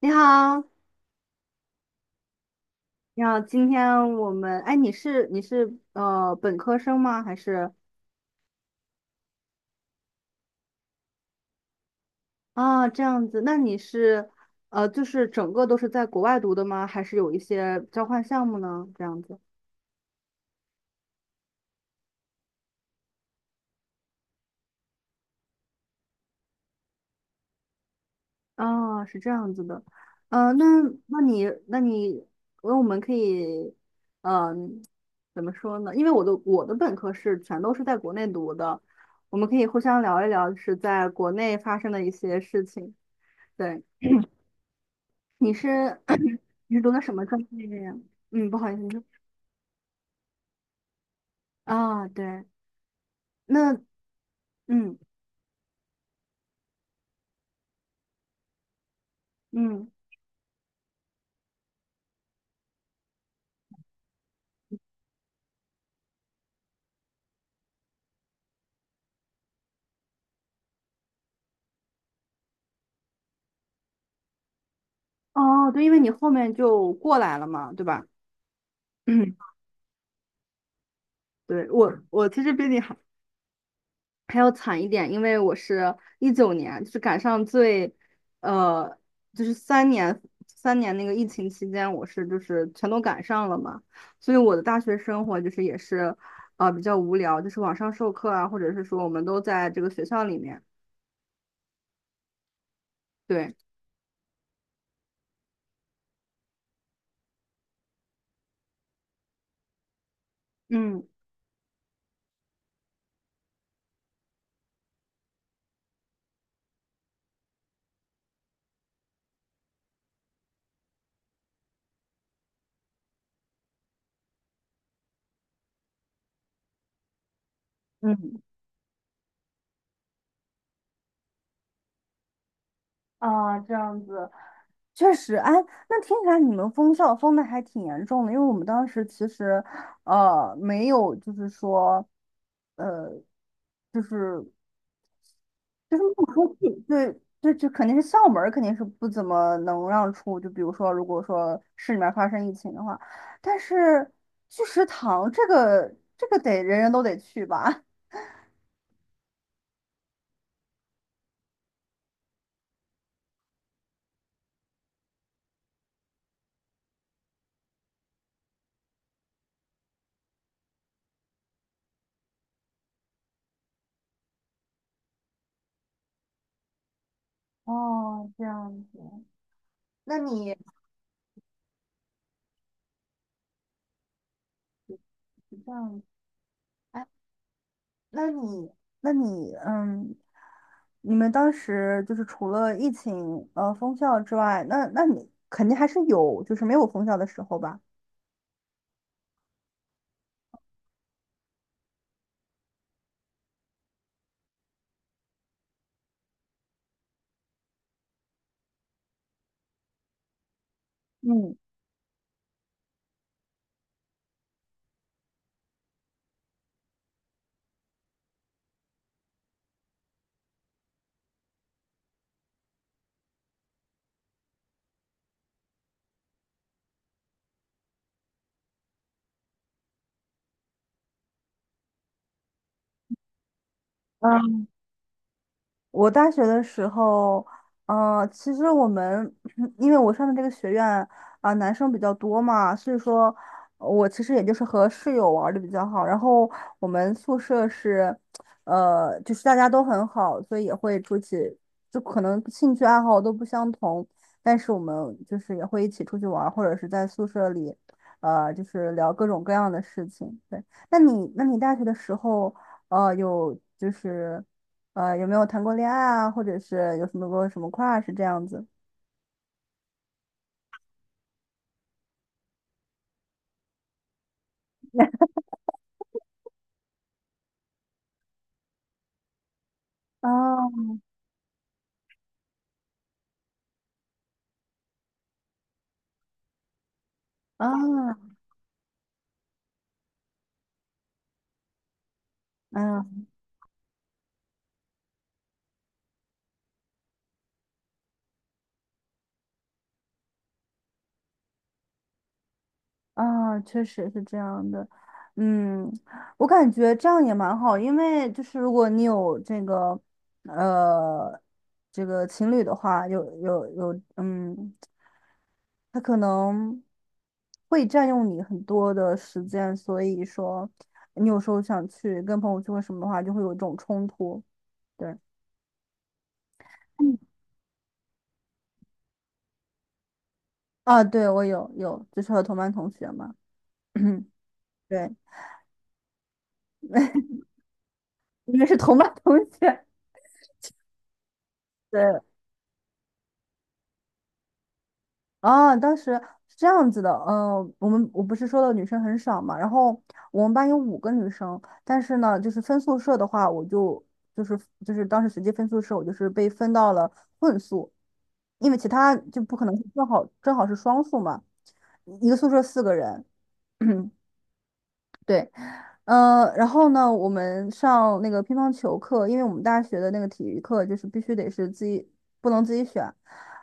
你好，你好，今天我们，哎，你是本科生吗？还是啊这样子？那你是就是整个都是在国外读的吗？还是有一些交换项目呢？这样子啊，是这样子的，那那你那我们可以，嗯、怎么说呢？因为我的本科是全都是在国内读的，我们可以互相聊一聊，就是在国内发生的一些事情。对。你是 你是读的什么专业呀？嗯，不好意思，你说啊，对，那嗯嗯，哦，对，因为你后面就过来了嘛，对吧？嗯，对，我其实比你还还要惨一点，因为我是一九年，就是赶上最呃，就是三年那个疫情期间，我是就是全都赶上了嘛，所以我的大学生活就是也是比较无聊，就是网上授课啊，或者是说我们都在这个学校里面，对。嗯。嗯。啊，这样子，确实，哎，那听起来你们封校封的还挺严重的，因为我们当时其实，呃，没有，就是说，呃，就是就是不出去，对，就肯定是校门儿肯定是不怎么能让出，就比如说，如果说市里面发生疫情的话，但是去食堂这个得人人都得去吧。哦，这样子，那你这样子。那你，那你,你们当时就是除了疫情，封校之外，那你肯定还是有，就是没有封校的时候吧？嗯，我大学的时候，其实我们 因为我上的这个学院啊、男生比较多嘛，所以说我其实也就是和室友玩的比较好。然后我们宿舍是，就是大家都很好，所以也会出去，就可能兴趣爱好都不相同，但是我们就是也会一起出去玩儿，或者是在宿舍里，就是聊各种各样的事情。对，那你大学的时候，呃，有就是。呃，有没有谈过恋爱啊，或者是有什么过什么 crush 这样子？啊啊，嗯，啊，确实是这样的。嗯，我感觉这样也蛮好，因为就是如果你有这个，呃，这个情侣的话，有有有，嗯，他可能会占用你很多的时间，所以说你有时候想去跟朋友聚会什么的话，就会有一种冲突。对。啊，对，我有，就是和同班同学嘛，对，因为是同班同学，对，啊，当时是这样子的，我们我不是说的女生很少嘛，然后我们班有五个女生，但是呢，就是分宿舍的话，我就是就是当时随机分宿舍，我就是被分到了混宿，因为其他就不可能是正好是双宿嘛，一个宿舍四个人，对，然后呢，我们上那个乒乓球课，因为我们大学的那个体育课就是必须得是自己，不能自己选。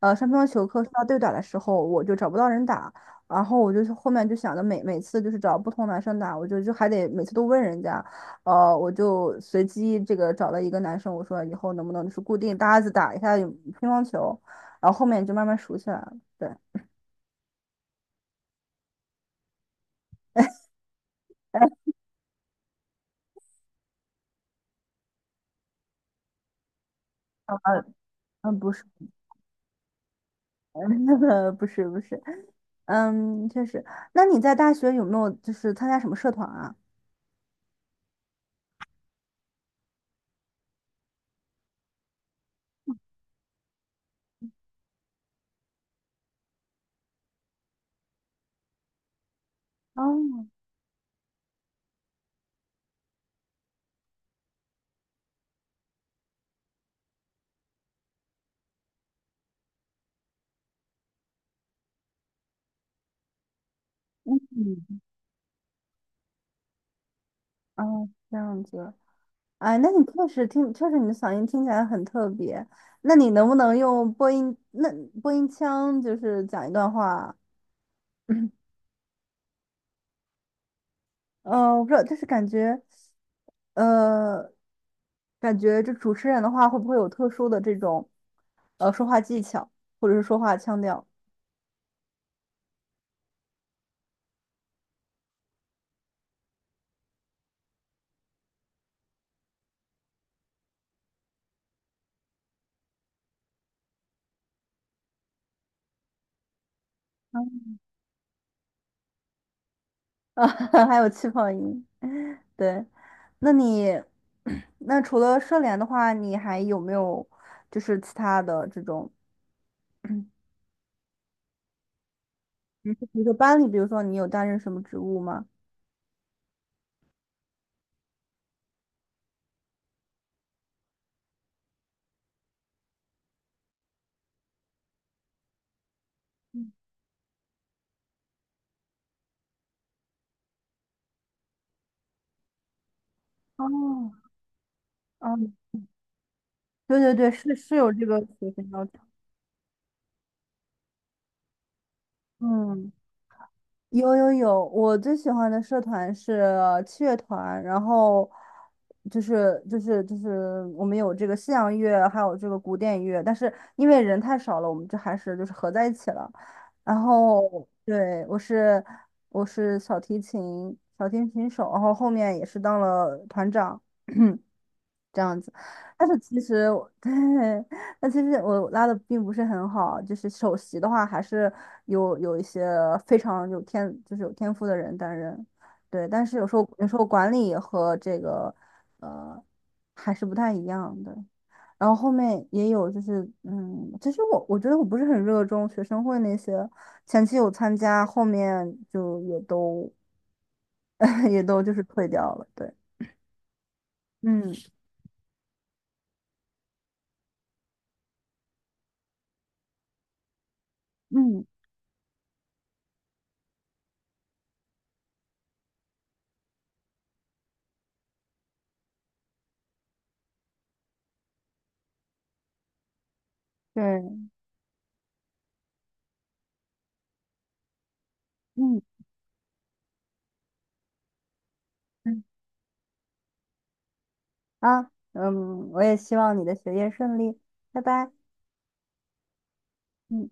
上乒乓球课是要对打的时候，我就找不到人打，然后我就是后面就想着每次就是找不同男生打，我还得每次都问人家，我就随机这个找了一个男生，我说以后能不能就是固定搭子打一下乒乓球，然后后面就慢慢熟起来了。对，哎，呃，不是，那个不是，不是。嗯，确实。那你在大学有没有就是参加什么社团啊？哦，嗯，哦，这样子。哎，那你确实听，确实你的嗓音听起来很特别。那你能不能用播音腔，就是讲一段话？我不知道，就是感觉，呃，感觉这主持人的话会不会有特殊的这种，说话技巧，或者是说话腔调啊，还有气泡音？对，那你 那除了社联的话，你还有没有就是其他的这种，比如说班里，比如说你有担任什么职务吗？哦，哦，对对对，是是有这个学分要求。嗯，有，我最喜欢的社团是器乐团，然后就是我们有这个西洋乐，还有这个古典乐，但是因为人太少了，我们就还是就是合在一起了。然后对，我是小提琴手，然后后面也是当了团长。这样子。但是其实我 对，但其实我拉的并不是很好，就是首席的话还是有一些非常有天，就是有天赋的人担任。对，但是有时候管理和这个呃还是不太一样的。然后后面也有就是，嗯，其实我觉得我不是很热衷学生会那些，前期有参加，后面就也都 也都就是退掉了。对，嗯嗯，对，嗯嗯。啊，嗯，我也希望你的学业顺利，拜拜。嗯。